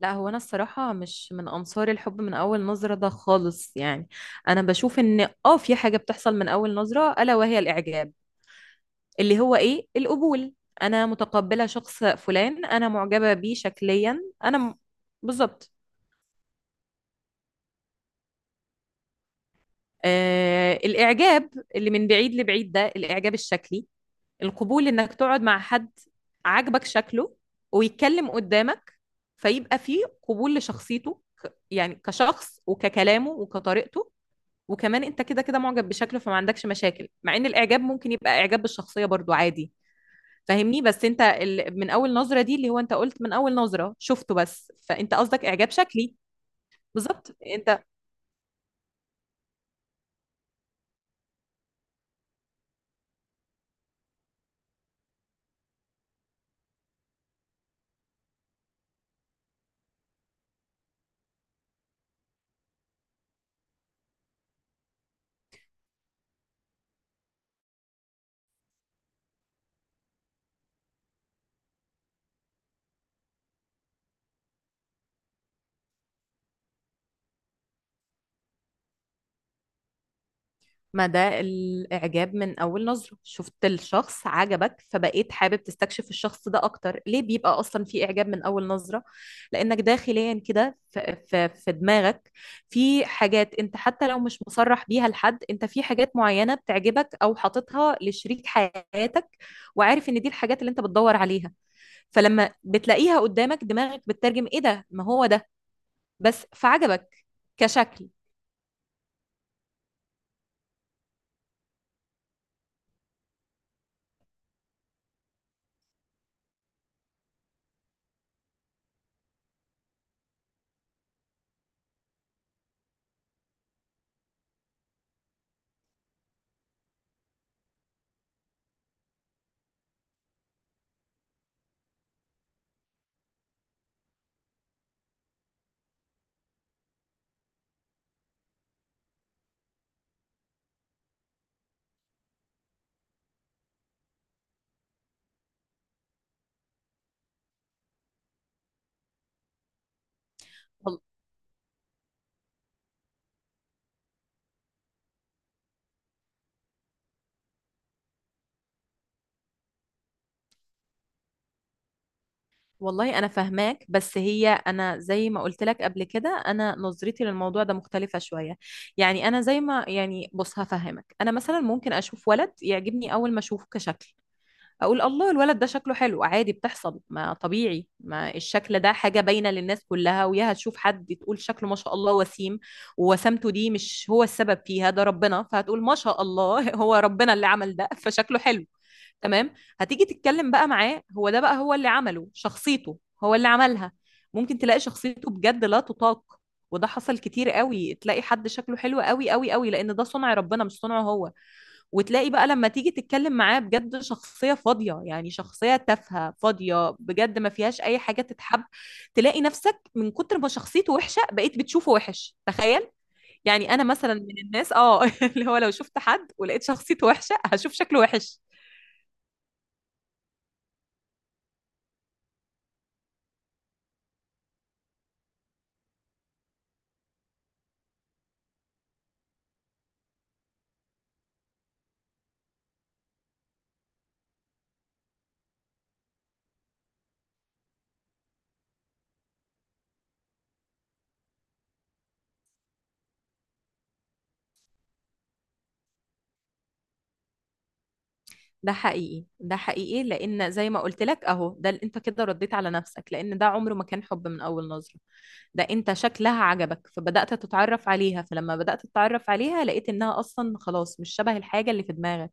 لا، هو انا الصراحه مش من انصار الحب من اول نظره ده خالص، يعني انا بشوف ان في حاجه بتحصل من اول نظره، الا وهي الاعجاب اللي هو ايه القبول. انا متقبله شخص فلان، انا معجبه بيه شكليا، بالظبط. آه، الاعجاب اللي من بعيد لبعيد ده الاعجاب الشكلي. القبول انك تقعد مع حد عاجبك شكله ويتكلم قدامك، فيبقى فيه قبول لشخصيته يعني كشخص وككلامه وكطريقته، وكمان انت كده كده معجب بشكله، فما عندكش مشاكل مع ان الاعجاب ممكن يبقى اعجاب بالشخصية برضو عادي. فاهمني؟ بس انت من اول نظرة دي، اللي هو انت قلت من اول نظرة شفته بس، فانت قصدك اعجاب شكلي. بالظبط انت. ما ده الإعجاب من أول نظرة، شفت الشخص عجبك فبقيت حابب تستكشف الشخص ده أكتر. ليه بيبقى أصلا في إعجاب من أول نظرة؟ لأنك داخليا كده في دماغك في حاجات، أنت حتى لو مش مصرح بيها لحد، أنت في حاجات معينة بتعجبك أو حاططها لشريك حياتك، وعارف إن دي الحاجات اللي أنت بتدور عليها. فلما بتلاقيها قدامك دماغك بتترجم إيه ده، ما هو ده، بس فعجبك كشكل. والله انا فاهماك، بس هي انا زي ما قلت لك قبل كده، انا نظرتي للموضوع ده مختلفة شوية. يعني انا زي ما، يعني بص هفهمك، انا مثلا ممكن اشوف ولد يعجبني اول ما اشوفه كشكل، اقول الله الولد ده شكله حلو. عادي، بتحصل، ما طبيعي، ما الشكل ده حاجة باينة للناس كلها، وياها تشوف حد تقول شكله ما شاء الله وسيم، ووسامته دي مش هو السبب فيها ده ربنا، فهتقول ما شاء الله هو ربنا اللي عمل ده فشكله حلو. تمام. هتيجي تتكلم بقى معاه، هو ده بقى هو اللي عمله شخصيته، هو اللي عملها. ممكن تلاقي شخصيته بجد لا تطاق، وده حصل كتير قوي، تلاقي حد شكله حلو قوي قوي قوي لان ده صنع ربنا مش صنعه هو، وتلاقي بقى لما تيجي تتكلم معاه بجد شخصية فاضية، يعني شخصية تافهة فاضية بجد، ما فيهاش أي حاجة تتحب. تلاقي نفسك من كتر ما شخصيته وحشة بقيت بتشوفه وحش، تخيل. يعني أنا مثلا من الناس اللي هو لو شفت حد ولقيت شخصيته وحشة هشوف شكله وحش. ده حقيقي ده حقيقي، لان زي ما قلت لك اهو ده انت كده رديت على نفسك، لان ده عمره ما كان حب من اول نظرة، ده انت شكلها عجبك فبدأت تتعرف عليها، فلما بدأت تتعرف عليها لقيت انها اصلا خلاص مش شبه الحاجة اللي في دماغك.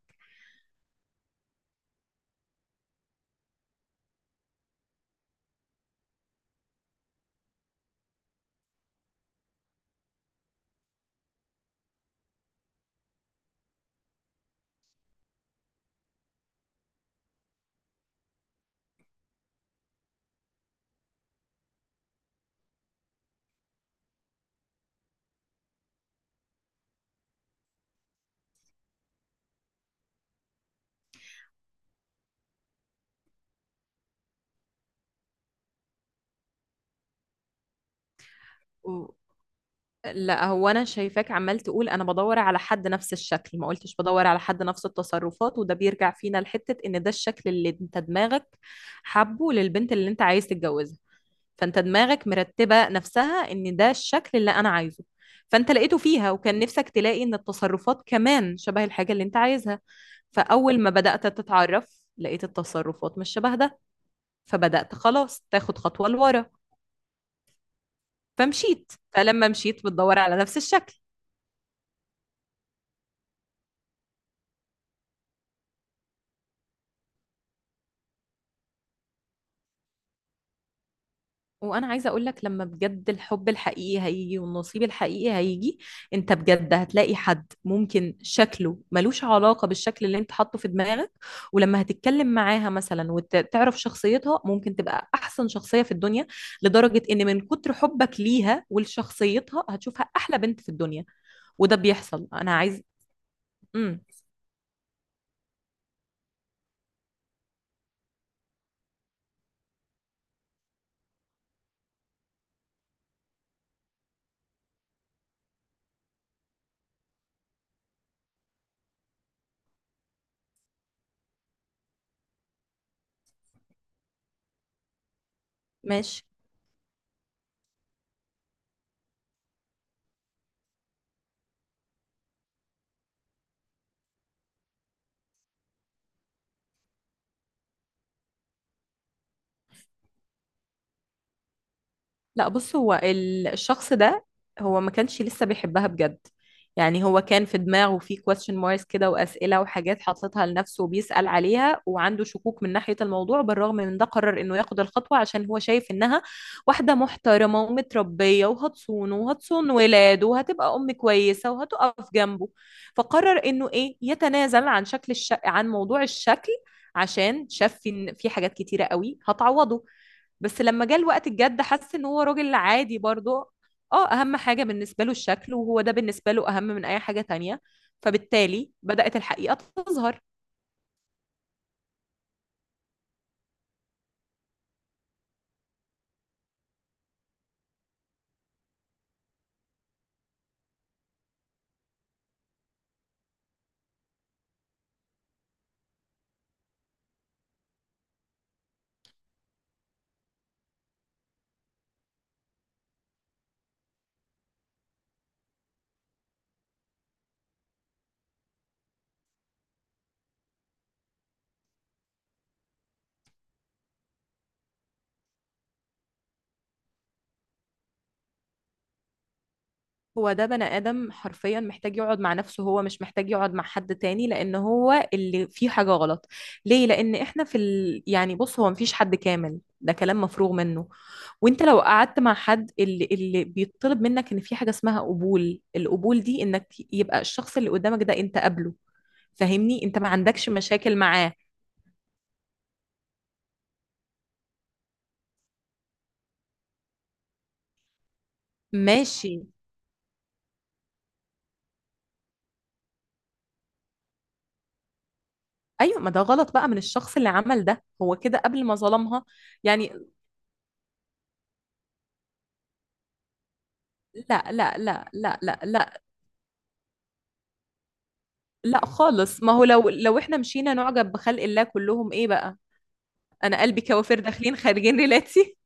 و- لا، هو انا شايفاك عمال تقول انا بدور على حد نفس الشكل، ما قلتش بدور على حد نفس التصرفات، وده بيرجع فينا لحتة ان ده الشكل اللي انت دماغك حبه للبنت اللي انت عايز تتجوزها. فانت دماغك مرتبه نفسها ان ده الشكل اللي انا عايزه، فانت لقيته فيها وكان نفسك تلاقي ان التصرفات كمان شبه الحاجه اللي انت عايزها. فاول ما بدات تتعرف لقيت التصرفات مش شبه ده، فبدات خلاص تاخد خطوه لورا فمشيت، فلما مشيت بتدور على نفس الشكل. وانا عايزه اقول لك، لما بجد الحب الحقيقي هيجي والنصيب الحقيقي هيجي، انت بجد هتلاقي حد ممكن شكله ملوش علاقه بالشكل اللي انت حاطه في دماغك، ولما هتتكلم معاها مثلا وتعرف شخصيتها ممكن تبقى احسن شخصيه في الدنيا، لدرجه ان من كتر حبك ليها ولشخصيتها هتشوفها احلى بنت في الدنيا. وده بيحصل، انا عايز. امم. ماشي. لا بص، هو الشخص ده هو ما كانش لسه بيحبها بجد. يعني هو كان في دماغه في question marks كده، وأسئلة وحاجات حاططها لنفسه وبيسأل عليها، وعنده شكوك من ناحية الموضوع، بالرغم من ده قرر إنه ياخد الخطوة عشان هو شايف إنها واحدة محترمة ومتربية وهتصونه وهتصون ولاده وهتبقى أم كويسة وهتقف جنبه. فقرر إنه إيه يتنازل عن عن موضوع الشكل، عشان شاف إن في حاجات كتيرة قوي هتعوضه. بس لما جه الوقت الجد حس ان هو راجل عادي برضه. اه اهم حاجة بالنسبة له الشكل، وهو ده بالنسبة له اهم من اي حاجة تانية، فبالتالي بدأت الحقيقة تظهر. هو ده بني آدم حرفيا محتاج يقعد مع نفسه، هو مش محتاج يقعد مع حد تاني، لأن هو اللي فيه حاجة غلط. ليه؟ لأن احنا يعني بص، هو مفيش حد كامل، ده كلام مفروغ منه. وانت لو قعدت مع حد اللي بيطلب منك ان في حاجة اسمها قبول، القبول دي انك يبقى الشخص اللي قدامك ده انت قابله، فاهمني؟ انت ما عندكش مشاكل معاه. ماشي. ايوه، ما ده غلط بقى من الشخص اللي عمل ده، هو كده قبل ما ظلمها، يعني. لا لا لا لا لا لا. لا خالص، ما هو لو احنا مشينا نعجب بخلق الله كلهم ايه بقى؟ انا قلبي كوافير داخلين خارجين ريلاتي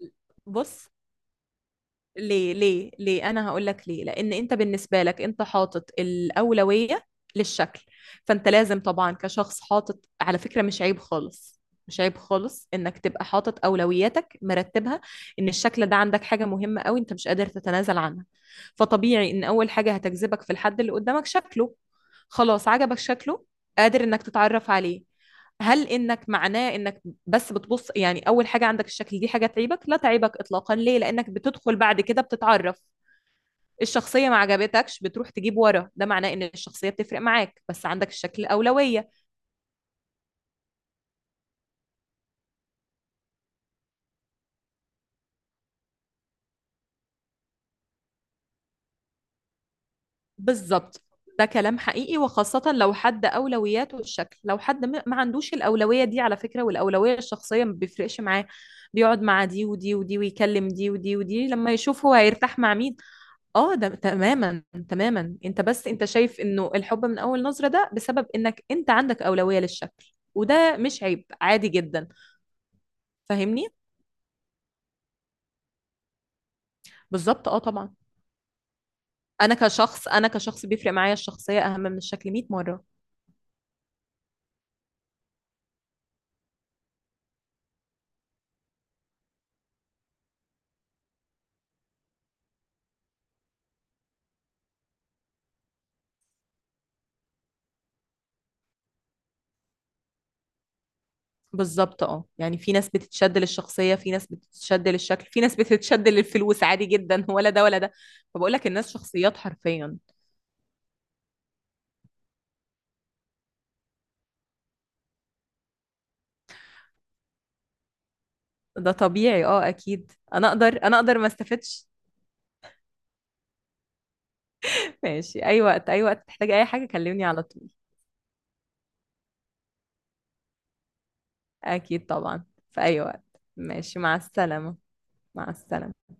بص. ليه ليه ليه؟ انا هقول لك ليه. لان انت بالنسبه لك انت حاطط الاولويه للشكل، فانت لازم طبعا كشخص حاطط، على فكره مش عيب خالص، مش عيب خالص انك تبقى حاطط اولوياتك مرتبها، ان الشكل ده عندك حاجه مهمه قوي، انت مش قادر تتنازل عنها. فطبيعي ان اول حاجه هتجذبك في الحد اللي قدامك شكله، خلاص عجبك شكله، قادر انك تتعرف عليه، هل انك معناه انك بس بتبص؟ يعني اول حاجه عندك الشكل، دي حاجه تعيبك؟ لا تعيبك اطلاقا. ليه؟ لانك بتدخل بعد كده بتتعرف، الشخصيه ما عجبتكش بتروح تجيب ورا، ده معناه ان الشخصيه بتفرق معاك، بس عندك الشكل اولويه. بالظبط. ده كلام حقيقي، وخاصة لو حد أولوياته الشكل. لو حد ما عندوش الأولوية دي، على فكرة، والأولوية الشخصية ما بيفرقش معاه، بيقعد مع دي ودي ودي ويكلم دي ودي ودي لما يشوف هو هيرتاح مع مين. اه، ده تماما، تماما. انت بس انت شايف انه الحب من اول نظرة ده بسبب انك انت عندك اولوية للشكل، وده مش عيب، عادي جدا، فاهمني؟ بالظبط. اه طبعا. انا كشخص بيفرق معايا الشخصية اهم من الشكل 100 مرة. بالظبط، يعني في ناس بتتشد للشخصية، في ناس بتتشد للشكل، في ناس بتتشد للفلوس عادي جدا ولا ده ولا ده. فبقول لك الناس شخصيات حرفيا. ده طبيعي، اكيد. انا اقدر ما استفدش. ماشي، اي وقت اي وقت تحتاج اي حاجة كلمني على طول. أكيد طبعا. في أي وقت. ماشي، مع السلامة. مع السلامة.